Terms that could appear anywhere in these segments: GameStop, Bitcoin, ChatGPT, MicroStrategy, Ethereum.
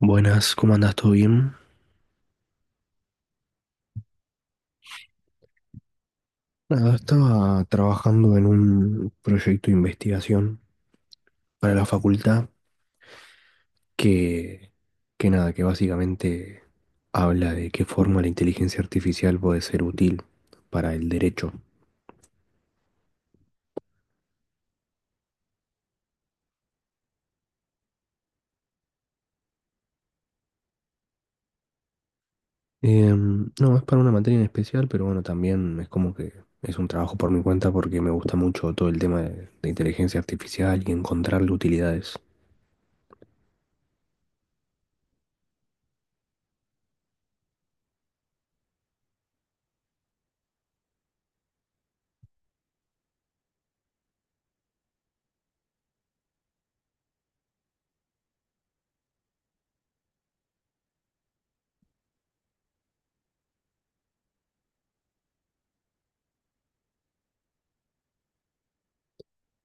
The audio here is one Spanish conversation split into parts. Buenas, ¿cómo andas? ¿Todo bien? Nada, estaba trabajando en un proyecto de investigación para la facultad que, que nada, que básicamente habla de qué forma la inteligencia artificial puede ser útil para el derecho. No, es para una materia en especial, pero bueno, también es como que es un trabajo por mi cuenta porque me gusta mucho todo el tema de inteligencia artificial y encontrarle utilidades.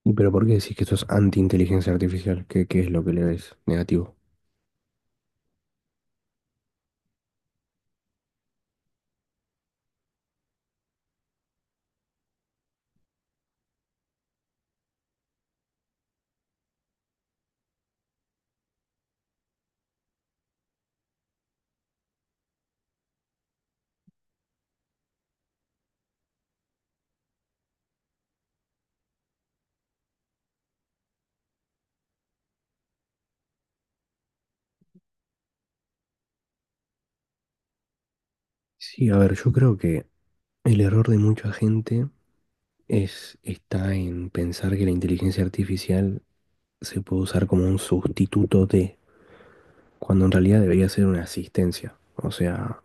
¿Y pero por qué decís que esto es anti-inteligencia artificial? ¿Qué es lo que le ves negativo? Sí, a ver, yo creo que el error de mucha gente es, está en pensar que la inteligencia artificial se puede usar como un sustituto de, cuando en realidad debería ser una asistencia. O sea,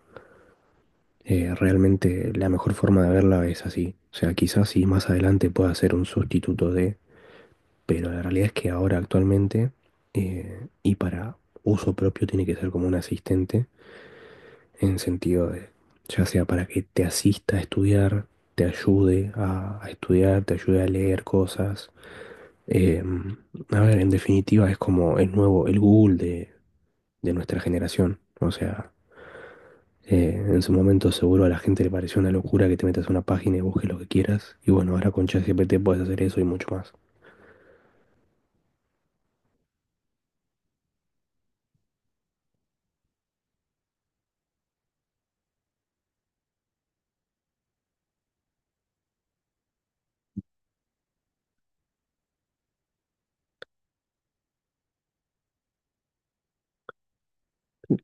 realmente la mejor forma de verla es así. O sea, quizás sí más adelante pueda ser un sustituto de, pero la realidad es que ahora actualmente y para uso propio tiene que ser como un asistente en sentido de, ya sea para que te asista a estudiar, te ayude a estudiar, te ayude a leer cosas. Eh, a ver, en definitiva es como el nuevo, el Google de nuestra generación. O sea, en su momento seguro a la gente le pareció una locura que te metas a una página y busques lo que quieras. Y bueno, ahora con ChatGPT puedes hacer eso y mucho más.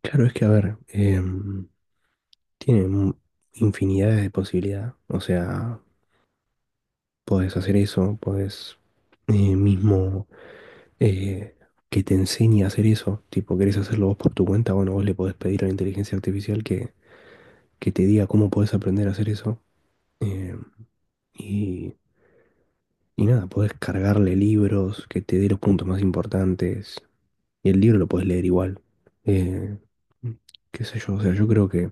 Claro, es que a ver, tiene mu- infinidades de posibilidades. O sea, podés hacer eso, podés mismo eh, que te enseñe a hacer eso. Tipo, querés hacerlo vos por tu cuenta, bueno, vos le podés pedir a la inteligencia artificial que te diga cómo podés aprender a hacer eso. eh, y, y nada, podés cargarle libros, que te dé los puntos más importantes. Y el libro lo podés leer igual. Eh, Qué sé yo, o sea,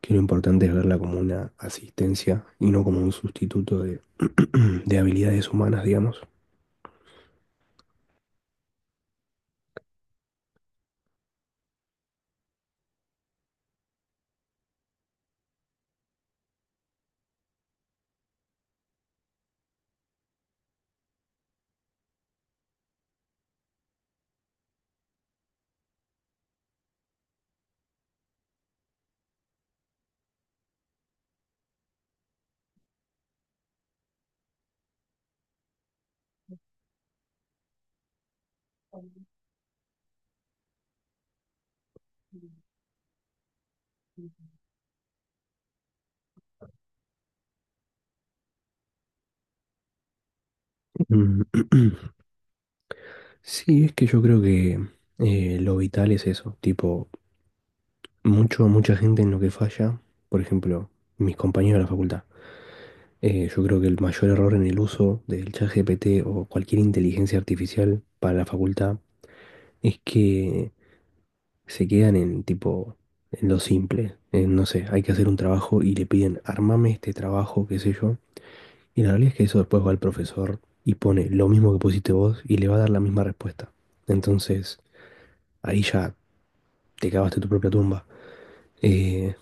que lo importante es verla como una asistencia y no como un sustituto de, de habilidades humanas, digamos. Mm. Sí, es que yo creo que lo vital es eso, tipo, mucha gente en lo que falla, por ejemplo, mis compañeros de la facultad. Yo creo que el mayor error en el uso del ChatGPT o cualquier inteligencia artificial para la facultad es que se quedan en tipo, en lo simple. En, no sé, hay que hacer un trabajo y le piden, armame este trabajo, qué sé yo. Y la realidad es que eso después va al profesor y pone lo mismo que pusiste vos y le va a dar la misma respuesta. Entonces, ahí ya te cavaste tu propia tumba. Eh,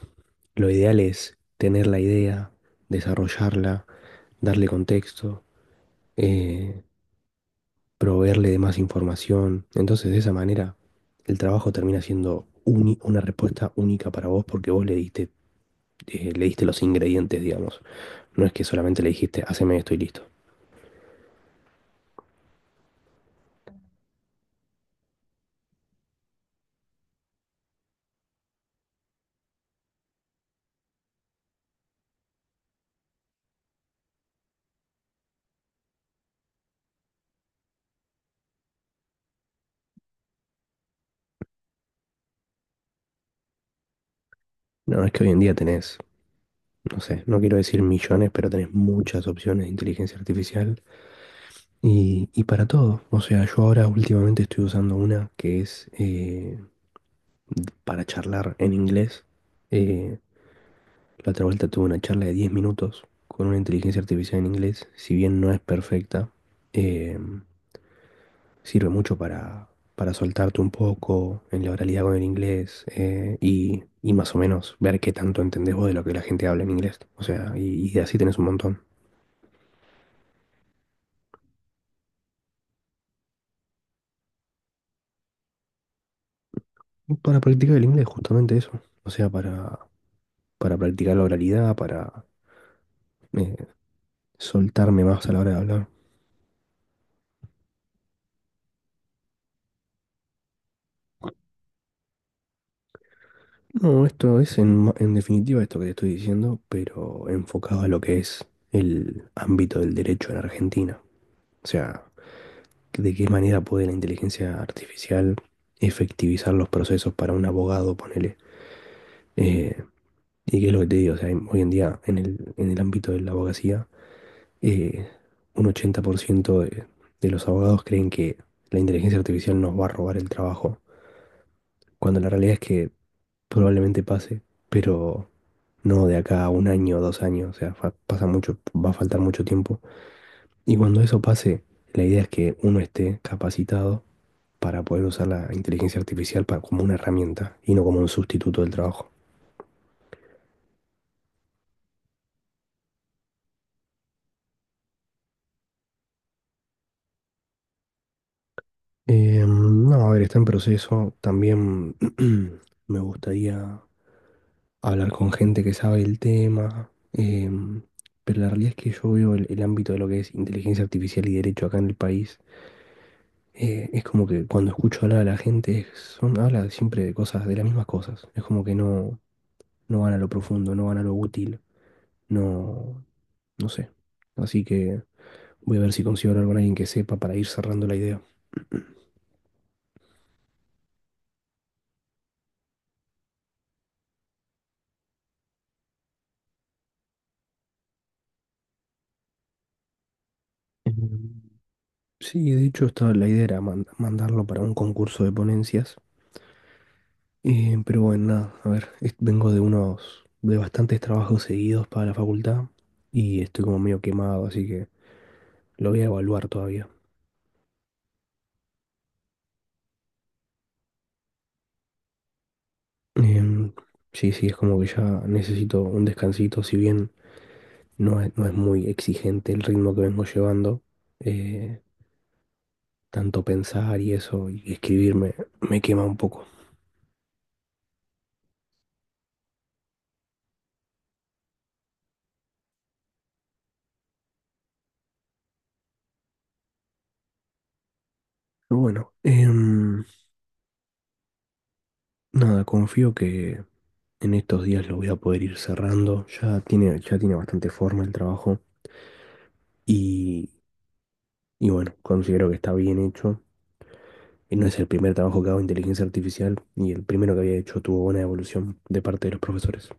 Lo ideal es tener la idea, desarrollarla, darle contexto, eh, proveerle de más información. Entonces, de esa manera, el trabajo termina siendo una respuesta única para vos porque vos le diste, le diste los ingredientes, digamos. No es que solamente le dijiste, haceme esto y listo. No, es que hoy en día tenés, no sé, no quiero decir millones, pero tenés muchas opciones de inteligencia artificial y para todo. O sea, yo ahora últimamente estoy usando una que es... para charlar en inglés. Eh, la otra vuelta tuve una charla de 10 minutos con una inteligencia artificial en inglés. Si bien no es perfecta, eh, sirve mucho para soltarte un poco en la oralidad con el inglés y más o menos ver qué tanto entendés vos de lo que la gente habla en inglés. O sea, y así tenés un montón. Para practicar el inglés, justamente eso. O sea, para practicar la oralidad, para eh, soltarme más a la hora de hablar. No, esto es en, en definitiva esto que te estoy diciendo, pero enfocado a lo que es el ámbito del derecho en Argentina. O sea, de qué manera puede la inteligencia artificial efectivizar los procesos para un abogado, ponele. Eh, y qué es lo que te digo, o sea, hoy en día en en el ámbito de la abogacía, eh, un 80% de los abogados creen que la inteligencia artificial nos va a robar el trabajo, cuando la realidad es que probablemente pase, pero... no de acá a 1 año, 2 años, o sea, pasa mucho, va a faltar mucho tiempo. Y cuando eso pase, la idea es que uno esté capacitado para poder usar la inteligencia artificial para, como una herramienta y no como un sustituto del trabajo. No, a ver, está en proceso. También me gustaría hablar con gente que sabe el tema, pero la realidad es que yo veo el ámbito de lo que es inteligencia artificial y derecho acá en el país. Es como que cuando escucho hablar a la gente, habla siempre de cosas, de las mismas cosas. Es como que no, no van a lo profundo, no van a lo útil, no, no sé. Así que voy a ver si consigo hablar con alguien que sepa para ir cerrando la idea. Em, Sí, de hecho, estaba, la idea era mandarlo para un concurso de ponencias. Pero bueno, nada, a ver, vengo de unos, de bastantes trabajos seguidos para la facultad y estoy como medio quemado, así que lo voy a evaluar todavía. Em, sí, sí, es como que ya necesito un descansito, si bien no es muy exigente el ritmo que vengo llevando, eh, tanto pensar y eso y escribir me quema un poco. Pero bueno, nada, confío que en estos días lo voy a poder ir cerrando, ya tiene bastante forma el trabajo y, y bueno, considero que está bien hecho. Y no es el primer trabajo que hago de inteligencia artificial y el primero que había hecho tuvo buena evolución de parte de los profesores.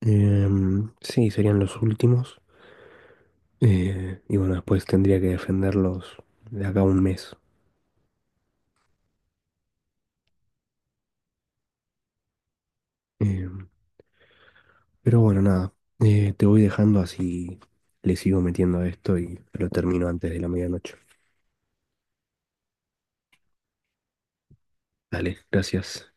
Sí, serían los últimos. Y bueno, después tendría que defenderlos de acá a 1 mes. Em, pero bueno, nada. Te voy dejando así le sigo metiendo a esto y lo termino antes de la medianoche. Dale, gracias.